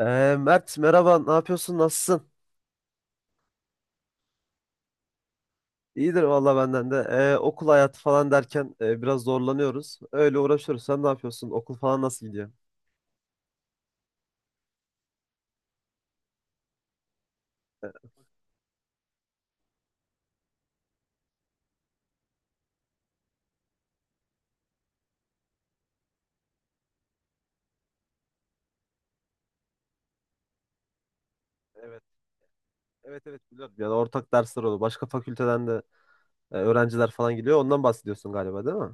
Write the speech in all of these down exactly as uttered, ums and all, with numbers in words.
Ee, Mert, merhaba, ne yapıyorsun, nasılsın? İyidir valla, benden de. Ee, okul hayatı falan derken e, biraz zorlanıyoruz. Öyle uğraşıyoruz. Sen ne yapıyorsun? Okul falan nasıl gidiyor? Evet, evet, evet, biliyorum. Yani ortak dersler oluyor. Başka fakülteden de e, öğrenciler falan geliyor. Ondan bahsediyorsun galiba, değil mi?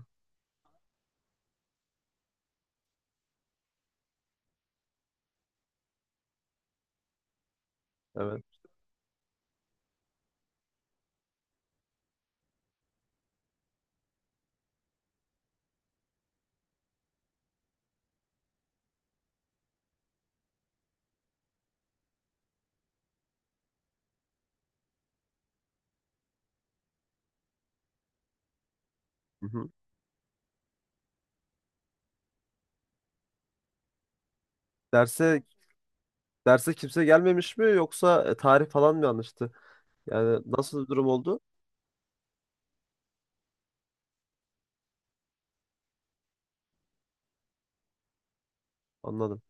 Evet. Hı-hı. Derse derse kimse gelmemiş mi, yoksa e, tarih falan mı yanlıştı? Yani nasıl bir durum oldu? Anladım.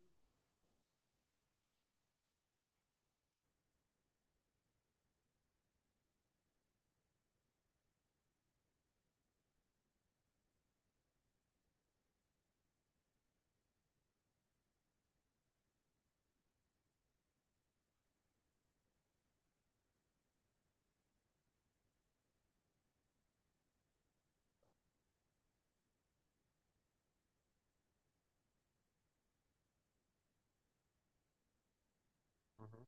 Hı hı.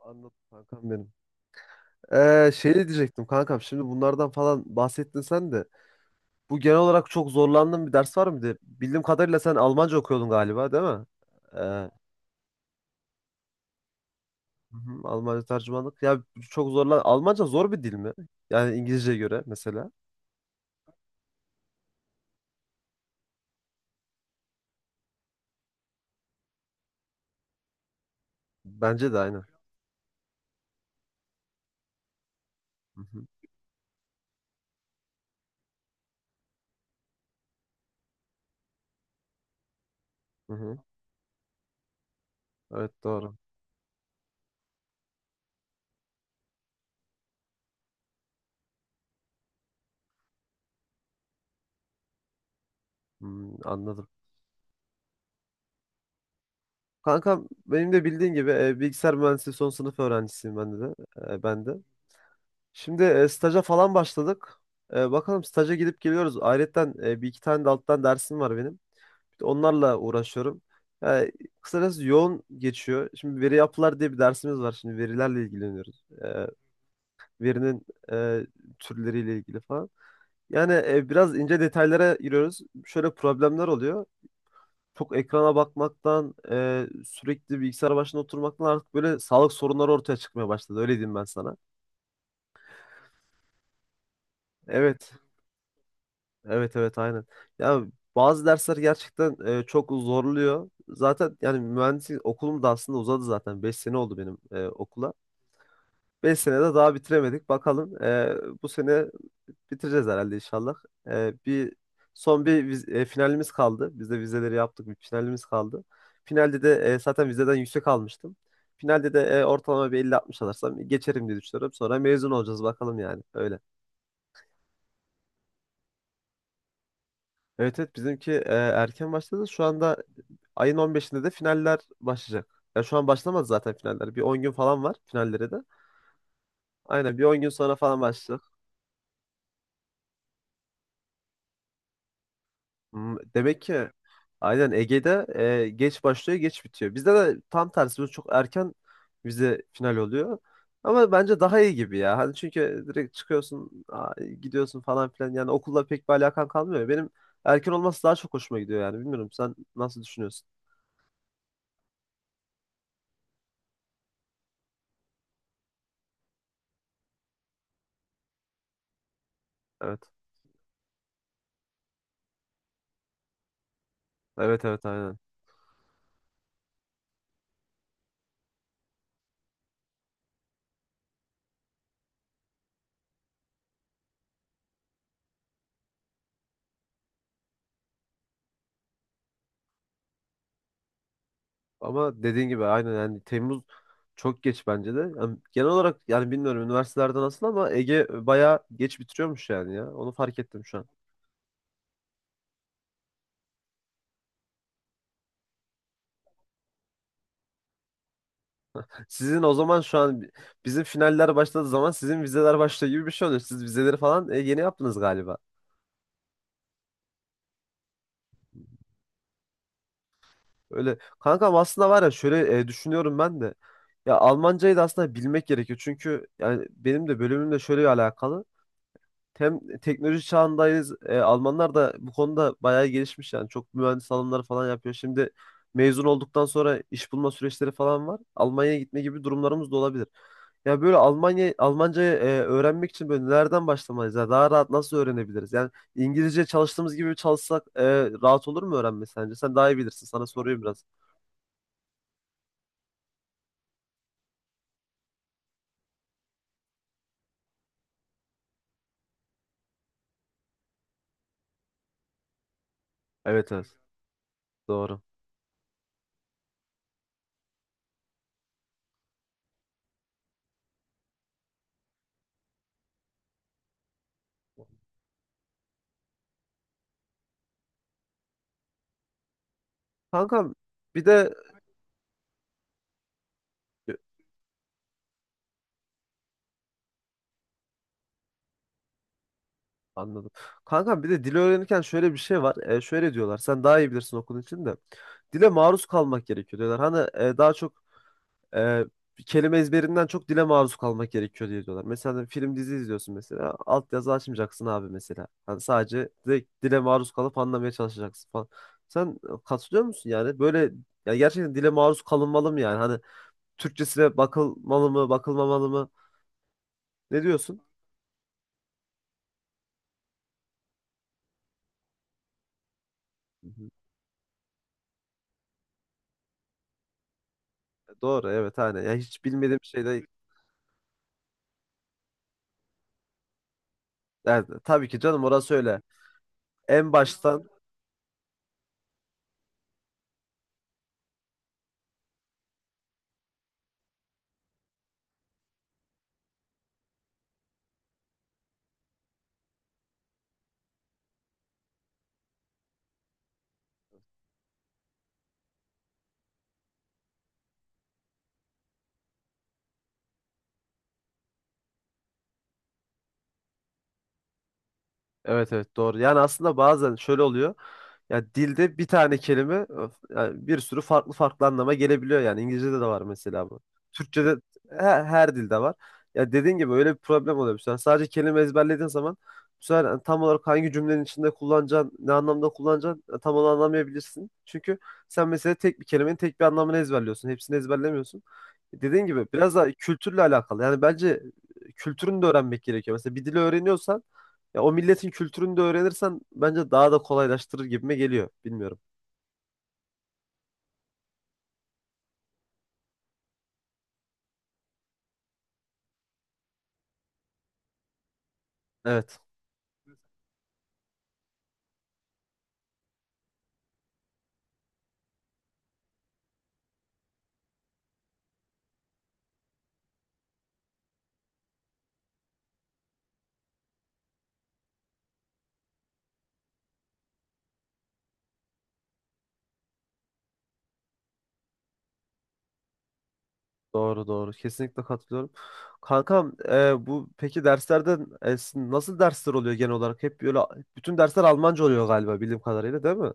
Anladım, kankam benim. Ee, şey diyecektim kankam, şimdi bunlardan falan bahsettin sen de. Bu, genel olarak çok zorlandığın bir ders var mıydı? Bildiğim kadarıyla sen Almanca okuyordun galiba, değil mi? Ee, hı hı, Almanca tercümanlık. Ya çok zorlan. Almanca zor bir dil mi? Yani İngilizceye göre mesela. Bence de aynı. Hı hı, hı hı. Evet, doğru. Hmm, anladım. Kankam, benim de bildiğin gibi e, bilgisayar mühendisliği son sınıf öğrencisiyim ben de. E, ben de. Şimdi e, staja falan başladık. E, bakalım, staja gidip geliyoruz. Ayrıca e, bir iki tane de alttan dersim var benim. Onlarla uğraşıyorum. Yani kısacası yoğun geçiyor. Şimdi veri yapılar diye bir dersimiz var. Şimdi verilerle ilgileniyoruz. Ee, verinin e, türleriyle ilgili falan. Yani e, biraz ince detaylara giriyoruz. Şöyle problemler oluyor. Çok ekrana bakmaktan, e, sürekli bilgisayar başında oturmaktan artık böyle sağlık sorunları ortaya çıkmaya başladı. Öyle diyeyim ben sana. Evet. Evet, evet, aynen. Ya bazı dersler gerçekten e, çok zorluyor. Zaten yani mühendislik okulum da aslında uzadı zaten. Beş sene oldu benim e, okula. Beş senede daha bitiremedik. Bakalım, e, bu sene bitireceğiz herhalde inşallah. E, bir son bir viz- e, finalimiz kaldı. Biz de vizeleri yaptık. Bir finalimiz kaldı. Finalde de e, zaten vizeden yüksek almıştım. Finalde de e, ortalama bir elli altmış alırsam geçerim diye düşünüyorum. Sonra mezun olacağız bakalım yani. Öyle. Evet, evet, bizimki e, erken başladı. Şu anda ayın on beşinde de finaller başlayacak. Ya şu an başlamadı zaten finaller. Bir on gün falan var finallere de. Aynen, bir on gün sonra falan başlayacak. Hmm. Demek ki Aynen, Ege'de e, geç başlıyor, geç bitiyor. Bizde de tam tersi. Biz çok erken vize final oluyor. Ama bence daha iyi gibi ya. Hani çünkü direkt çıkıyorsun, a- gidiyorsun falan filan. Yani okulla pek bir alakan kalmıyor. Benim erken olması daha çok hoşuma gidiyor yani. Bilmiyorum, sen nasıl düşünüyorsun? Evet. Evet, evet, aynen. Ama dediğin gibi aynen, yani Temmuz çok geç bence de. Yani genel olarak, yani bilmiyorum üniversitelerde nasıl ama Ege bayağı geç bitiriyormuş yani ya. Onu fark ettim şu an. Sizin o zaman şu an bi- bizim finaller başladığı zaman sizin vizeler başlıyor gibi bir şey oluyor. Siz vizeleri falan e, yeni yaptınız galiba. Öyle kankam, aslında var ya, şöyle e, düşünüyorum ben de. Ya Almancayı da aslında bilmek gerekiyor. Çünkü yani benim de bölümümle şöyle alakalı. Hem teknoloji çağındayız. E, Almanlar da bu konuda bayağı gelişmiş yani. Çok mühendis alımları falan yapıyor. Şimdi mezun olduktan sonra iş bulma süreçleri falan var. Almanya'ya gitme gibi durumlarımız da olabilir. Ya böyle Almanya Almancayı e, öğrenmek için böyle nereden başlamalıyız? Ya daha rahat nasıl öğrenebiliriz? Yani İngilizce çalıştığımız gibi çalışsak e, rahat olur mu öğrenme sence? Sen daha iyi bilirsin. Sana soruyorum biraz. Evet, evet. Doğru. Kankam bir de Anladım. Kankam, bir de dil öğrenirken şöyle bir şey var. E, şöyle diyorlar. Sen daha iyi bilirsin okulun için de. Dile maruz kalmak gerekiyor diyorlar. Hani e, daha çok e, kelime ezberinden çok dile maruz kalmak gerekiyor diye diyorlar. Mesela hani film dizi izliyorsun mesela. Altyazı açmayacaksın abi mesela. Hani sadece direkt dile maruz kalıp anlamaya çalışacaksın falan. Sen e, katılıyor musun yani? Böyle ya, gerçekten dile maruz kalınmalı mı yani? Hani Türkçesine bakılmalı mı, bakılmamalı mı? Ne diyorsun? Hı hı. Doğru, evet, hani ya hiç bilmediğim şeyde. Yani tabii ki canım, orası öyle. En baştan. Evet, evet, doğru. Yani aslında bazen şöyle oluyor. Ya dilde bir tane kelime, öf, yani bir sürü farklı farklı anlama gelebiliyor yani. İngilizce'de de var mesela bu. Türkçe'de, her, her dilde var. Ya dediğin gibi öyle bir problem oluyor. Mesela sadece kelime ezberlediğin zaman bu sefer yani tam olarak hangi cümlenin içinde kullanacaksın, ne anlamda kullanacaksın e, tam onu anlamayabilirsin. Çünkü sen mesela tek bir kelimenin tek bir anlamını ezberliyorsun. Hepsini ezberlemiyorsun. Dediğin gibi biraz da kültürle alakalı. Yani bence kültürünü de öğrenmek gerekiyor. Mesela bir dili öğreniyorsan, ya o milletin kültürünü de öğrenirsen bence daha da kolaylaştırır gibime geliyor. Bilmiyorum. Evet. Doğru, doğru. Kesinlikle katılıyorum. Kankam, e, bu peki derslerden, e, sizin nasıl dersler oluyor genel olarak? Hep böyle bütün dersler Almanca oluyor galiba, bildiğim kadarıyla, değil mi?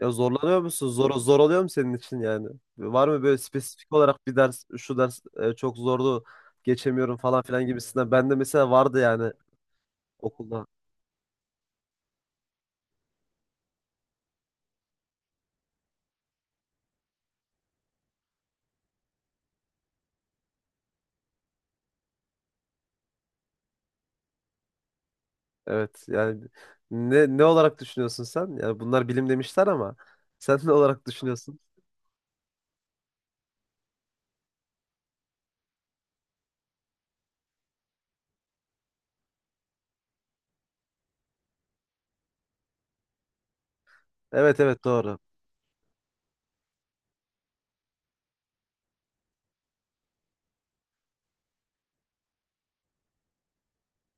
Ya zorlanıyor musun? Zor, zor oluyor mu senin için yani? Var mı böyle spesifik olarak bir ders, şu ders e, çok zordu, geçemiyorum falan filan gibisinden. Ben de mesela vardı yani. Okulda. Evet yani, ne ne olarak düşünüyorsun sen? Yani bunlar bilim demişler ama sen ne olarak düşünüyorsun? Evet, evet, doğru.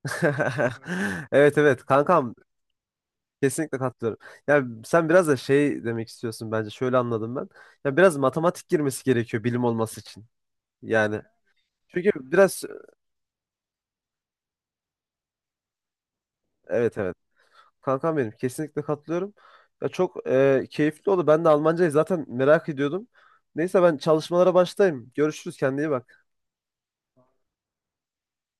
Evet, evet kankam, kesinlikle katılıyorum. Ya sen biraz da şey demek istiyorsun bence, şöyle anladım ben. Ya biraz matematik girmesi gerekiyor bilim olması için. Yani çünkü biraz, evet, evet kankam benim, kesinlikle katılıyorum. Ya çok e, keyifli oldu. Ben de Almancayı zaten merak ediyordum. Neyse, ben çalışmalara başlayayım. Görüşürüz, kendine iyi bak.